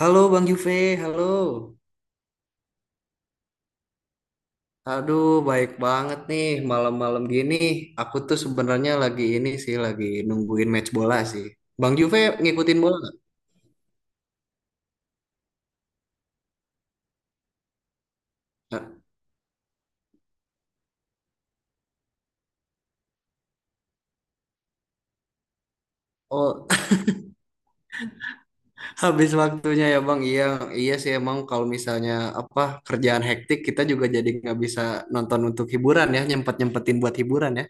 Halo Bang Juve, halo. Aduh, baik banget nih malam-malam gini. Aku tuh sebenarnya lagi ini sih, lagi nungguin match bola sih. Bang Juve ngikutin bola nggak? Nggak. Oh, habis waktunya ya Bang. Iya, iya sih emang kalau misalnya apa kerjaan hektik kita juga jadi nggak bisa nonton untuk hiburan ya, nyempet-nyempetin buat hiburan ya.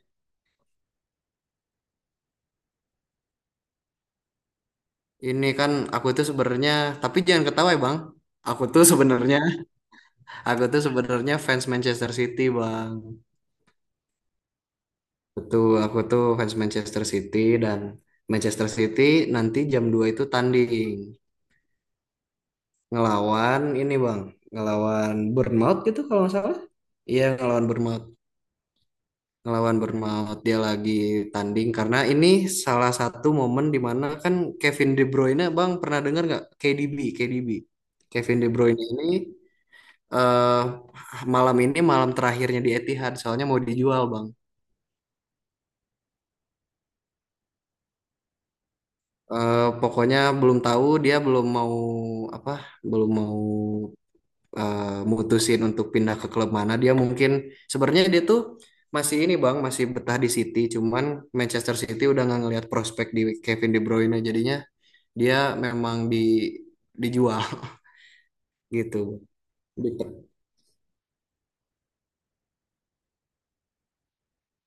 Ini kan aku tuh sebenarnya, tapi jangan ketawa ya Bang. Aku tuh sebenarnya, aku tuh sebenarnya fans Manchester City Bang. Betul, aku tuh fans Manchester City dan Manchester City nanti jam 2 itu tanding ngelawan ini Bang, ngelawan Bournemouth gitu kalau nggak salah. Iya, ngelawan Bournemouth. Ngelawan Bournemouth dia lagi tanding karena ini salah satu momen di mana kan Kevin De Bruyne Bang pernah dengar nggak KDB, KDB. Kevin De Bruyne ini eh malam ini malam terakhirnya di Etihad soalnya mau dijual Bang. Pokoknya belum tahu dia belum mau apa belum mau eh, mutusin untuk pindah ke klub mana dia mungkin sebenarnya dia tuh masih ini Bang masih betah di City cuman Manchester City udah nggak ngelihat prospek di Kevin De Bruyne jadinya dia memang dijual gitu.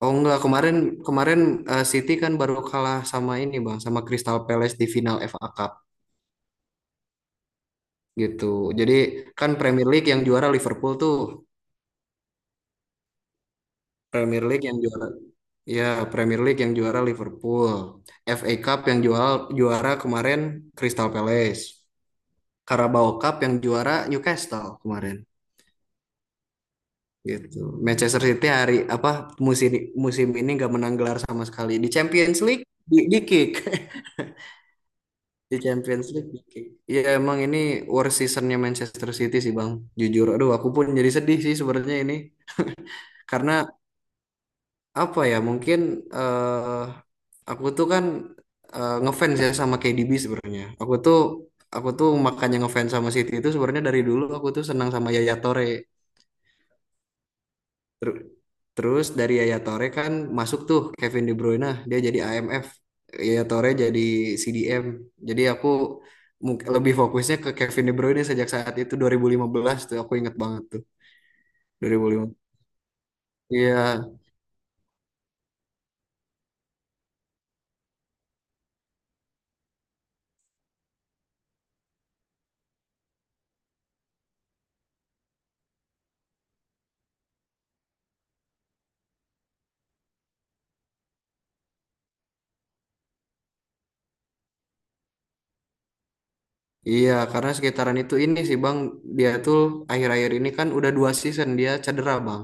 Oh enggak, kemarin kemarin City kan baru kalah sama ini Bang sama Crystal Palace di final FA Cup gitu. Jadi kan Premier League yang juara Liverpool tuh. Premier League yang juara Ya, Premier League yang juara Liverpool. FA Cup yang juara juara kemarin Crystal Palace. Carabao Cup yang juara Newcastle kemarin. Gitu. Manchester City hari apa musim musim ini nggak menang gelar sama sekali. Di Champions League di kick. Di Champions League di kick. Ya emang ini worst seasonnya Manchester City sih Bang. Jujur, aduh aku pun jadi sedih sih sebenarnya ini. Karena apa ya mungkin eh aku tuh kan ngefans ya sama KDB sebenarnya. Aku tuh makanya ngefans sama City itu sebenarnya dari dulu aku tuh senang sama Yaya Toure. Ter- Terus dari Yaya Toure kan masuk tuh Kevin De Bruyne, dia jadi AMF. Yaya Toure jadi CDM. Jadi aku lebih fokusnya ke Kevin De Bruyne sejak saat itu 2015 tuh aku inget banget tuh 2015. Iya, iya, karena sekitaran itu ini sih Bang, dia tuh akhir-akhir ini kan udah 2 season dia cedera Bang.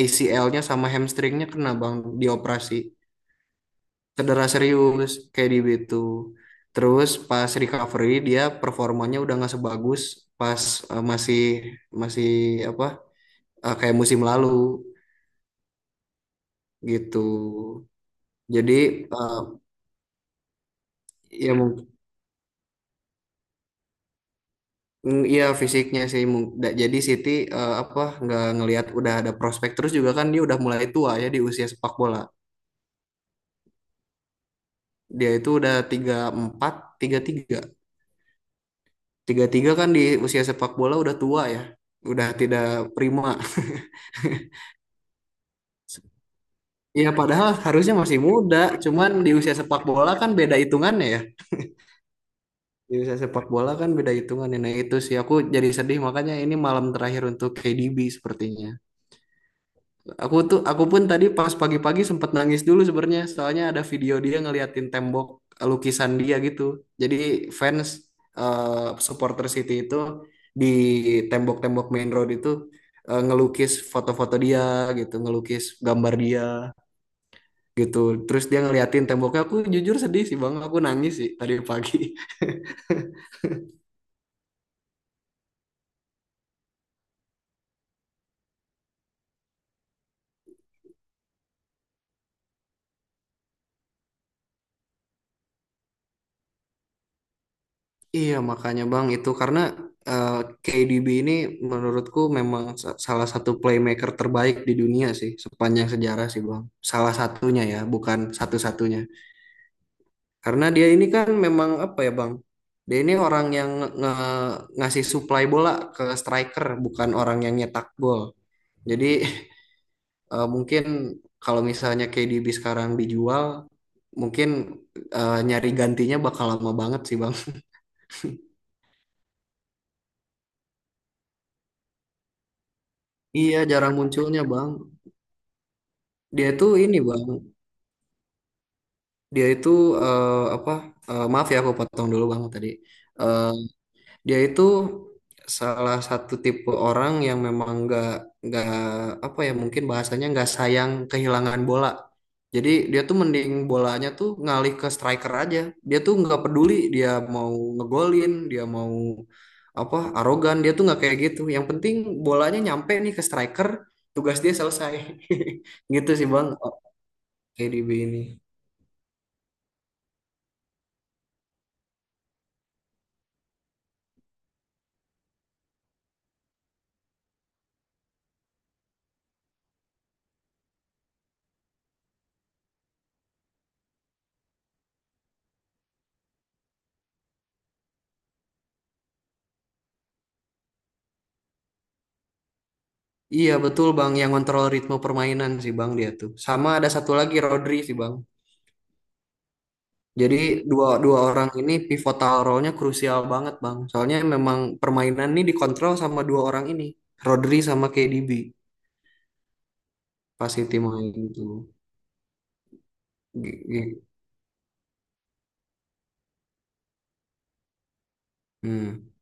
ACL-nya sama hamstringnya kena Bang, dioperasi. Cedera serius, kayak di gitu. Terus pas recovery dia performanya udah nggak sebagus pas masih masih apa kayak musim lalu gitu. Jadi eh, ya mungkin. Iya fisiknya sih jadi Siti apa nggak ngelihat udah ada prospek terus juga kan dia udah mulai tua ya di usia sepak bola. Dia itu udah tiga empat tiga tiga tiga tiga kan di usia sepak bola udah tua ya, udah tidak prima. Iya padahal harusnya masih muda cuman di usia sepak bola kan beda hitungannya ya, di usia sepak bola kan beda hitungannya. Nah itu sih aku jadi sedih makanya ini malam terakhir untuk KDB sepertinya. Aku pun tadi pas pagi-pagi sempet nangis dulu sebenarnya soalnya ada video dia ngeliatin tembok, eh, lukisan dia gitu. Jadi fans supporter City itu di tembok-tembok main road itu ngelukis foto-foto dia gitu, ngelukis gambar dia gitu. Terus dia ngeliatin temboknya. Aku jujur sedih sih Bang, aku nangis sih tadi pagi. Iya, makanya Bang itu karena eh, KDB ini menurutku memang salah satu playmaker terbaik di dunia sih sepanjang sejarah sih Bang. Salah satunya ya, bukan satu-satunya. Karena dia ini kan memang apa ya Bang? Dia ini orang yang ngasih supply bola ke striker, bukan orang yang nyetak gol. Jadi mungkin kalau misalnya KDB sekarang dijual, mungkin nyari gantinya bakal lama banget sih Bang. Iya, jarang munculnya Bang. Dia itu ini bang, dia itu eh, apa? Maaf ya aku potong dulu bang tadi. Eh, Dia itu salah satu tipe orang yang memang nggak nggak apa ya mungkin bahasanya nggak sayang kehilangan bola. Jadi dia tuh mending bolanya tuh ngalih ke striker aja. Dia tuh nggak peduli dia mau ngegolin, dia mau apa arogan, dia tuh nggak kayak gitu. Yang penting bolanya nyampe nih ke striker, tugas dia selesai. Gitu sih bang, KDB ini. Iya betul Bang, yang kontrol ritme permainan sih Bang dia tuh. Sama ada satu lagi Rodri sih Bang. Jadi dua dua orang ini pivotal role-nya krusial banget Bang. Soalnya memang permainan ini dikontrol sama dua orang ini, Rodri sama KDB pas City main itu. G- g- Hmm.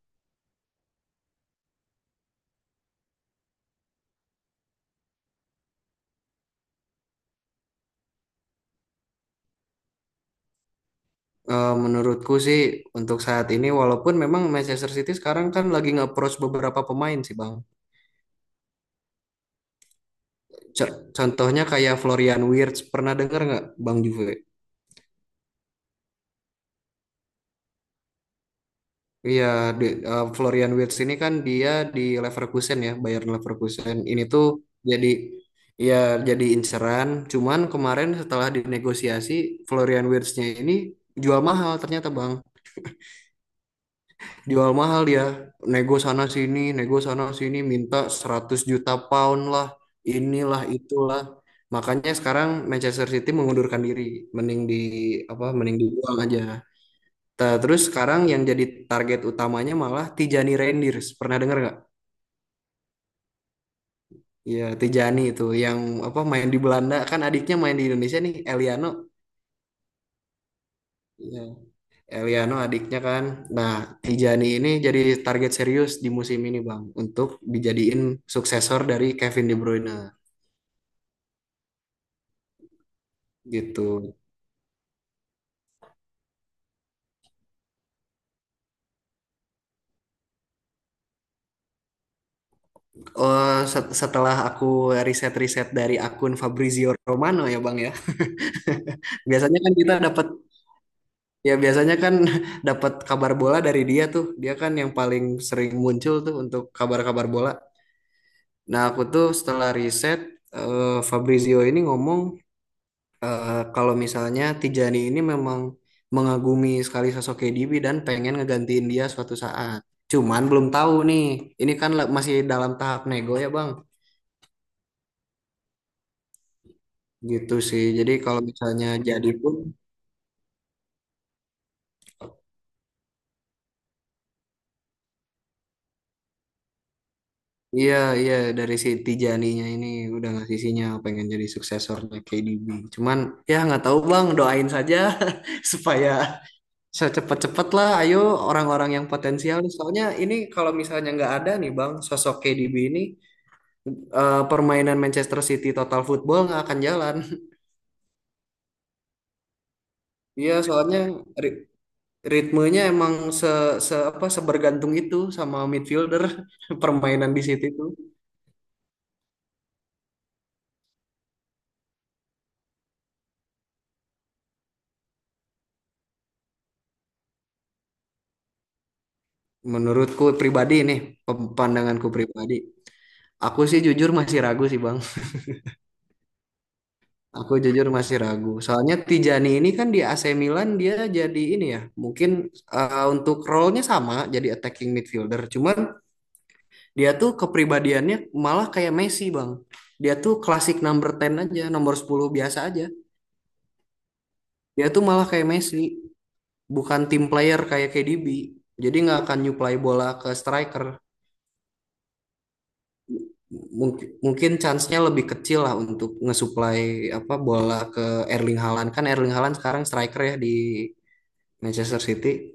Menurutku sih untuk saat ini walaupun memang Manchester City sekarang kan lagi nge-approach beberapa pemain sih Bang. Contohnya kayak Florian Wirtz, pernah dengar nggak Bang Juve? Iya, Florian Wirtz ini kan dia di Leverkusen ya, Bayern Leverkusen. Ini tuh jadi, ya inceran. Cuman kemarin setelah dinegosiasi, Florian Wirtz-nya ini jual mahal ternyata Bang. Jual mahal dia, nego sana sini, minta 100 juta pound lah, inilah itulah. Makanya sekarang Manchester City mengundurkan diri, mending di apa, mending dibuang aja. Terus sekarang yang jadi target utamanya malah Tijani Reindeers. Pernah denger nggak? Iya, Tijani itu yang apa main di Belanda kan adiknya main di Indonesia nih, Eliano. Iya, Eliano adiknya kan. Nah, Tijani ini jadi target serius di musim ini, Bang, untuk dijadiin suksesor dari Kevin De Bruyne gitu. Oh, setelah aku riset-riset dari akun Fabrizio Romano ya, Bang ya. Biasanya kan kita dapat Ya biasanya kan dapat kabar bola dari dia tuh. Dia kan yang paling sering muncul tuh untuk kabar-kabar bola. Nah, aku tuh setelah riset eh, Fabrizio ini ngomong kalau misalnya Tijani ini memang mengagumi sekali sosok KDB dan pengen ngegantiin dia suatu saat. Cuman belum tahu nih. Ini kan masih dalam tahap nego ya, Bang. Gitu sih. Jadi kalau misalnya jadi pun. Iya, iya, dari si Tijaninya ini udah ngasih sinyal pengen jadi suksesornya KDB. Cuman ya nggak tahu Bang, doain saja supaya secepat-cepat lah. Ayo orang-orang yang potensial nih. Soalnya ini kalau misalnya nggak ada nih Bang, sosok KDB ini permainan Manchester City total football nggak akan jalan. Iya, soalnya ri- ritmenya emang se, se apa, sebergantung itu sama midfielder permainan di City itu. Menurutku pribadi nih, pandanganku pribadi. Aku sih jujur masih ragu sih Bang. Aku jujur masih ragu. Soalnya Tijani ini kan di AC Milan dia jadi ini ya. Mungkin untuk role-nya sama jadi attacking midfielder. Cuman dia tuh kepribadiannya malah kayak Messi Bang. Dia tuh klasik number 10 aja, nomor 10 biasa aja. Dia tuh malah kayak Messi, bukan team player kayak KDB. Jadi nggak akan nyuplai bola ke striker. Mungkin mungkin chance-nya lebih kecil lah untuk ngesuplai apa bola ke Erling Haaland. Kan Erling Haaland sekarang striker ya di Manchester City,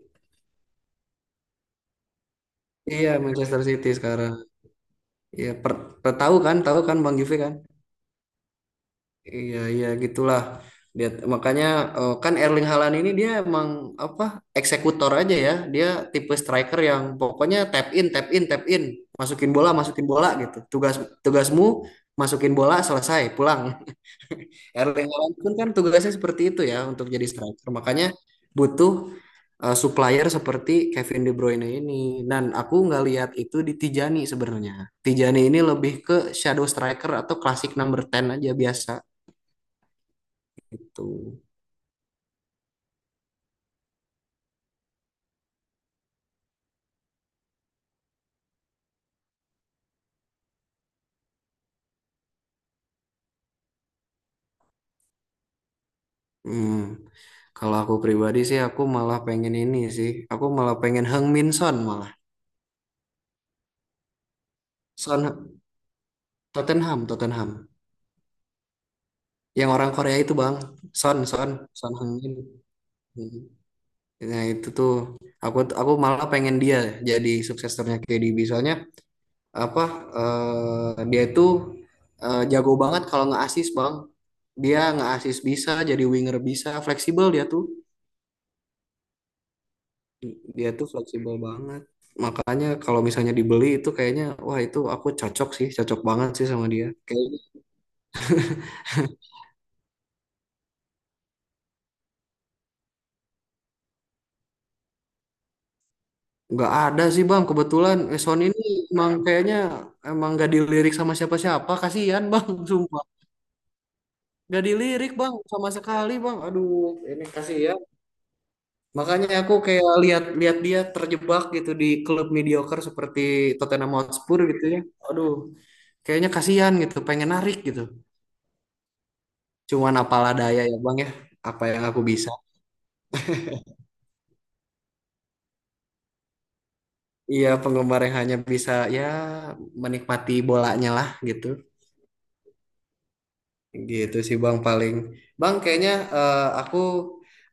iya Manchester City sekarang. Ya per, per- tahu kan Bang Juve kan. Iya iya gitulah dia. Makanya kan Erling Haaland ini dia emang apa eksekutor aja ya, dia tipe striker yang pokoknya tap in tap in tap in, masukin bola gitu. Tugas, tugasmu masukin bola selesai pulang. Erling Haaland pun kan tugasnya seperti itu ya untuk jadi striker. Makanya butuh supplier seperti Kevin De Bruyne ini. Dan aku nggak lihat itu di Tijani sebenarnya. Tijani ini lebih ke shadow striker atau classic number 10 aja biasa gitu. Hmm. Kalau aku pribadi sih aku malah pengen ini sih. Aku malah pengen Heung Min Son malah. Son Tottenham, Tottenham. Yang orang Korea itu Bang. Son, Son, Son Heung Min. Hmm. Nah itu tuh aku malah pengen dia jadi suksesornya KDB soalnya apa dia itu jago banget kalau nge-assist bang. Dia nge-assist bisa jadi winger, bisa fleksibel dia tuh fleksibel banget. Makanya kalau misalnya dibeli itu kayaknya wah itu aku cocok sih, cocok banget sih sama dia kayaknya. Nggak ada sih bang kebetulan, Son ini emang kayaknya emang nggak dilirik sama siapa-siapa, kasihan bang. Sumpah. Gak dilirik bang sama sekali bang. Aduh, ini kasih ya. Makanya aku kayak lihat-lihat dia terjebak gitu di klub mediocre seperti Tottenham Hotspur gitu ya. Aduh, kayaknya kasihan gitu. Pengen narik gitu. Cuman apalah daya ya bang ya. Apa yang aku bisa. Iya penggemar yang hanya bisa ya menikmati bolanya lah gitu. Gitu sih bang paling. Bang kayaknya aku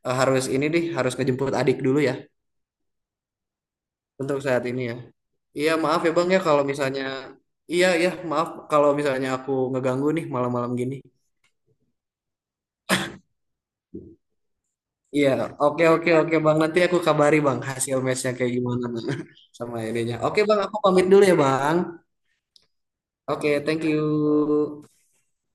harus ini deh, harus ngejemput adik dulu ya untuk saat ini ya. Iya maaf ya Bang ya kalau misalnya, iya ya maaf kalau misalnya aku ngeganggu nih malam-malam gini. Iya, oke oke oke Bang, nanti aku kabari Bang hasil matchnya kayak gimana Bang sama idenya. Oke Bang aku pamit dulu ya Bang. Oke thank you.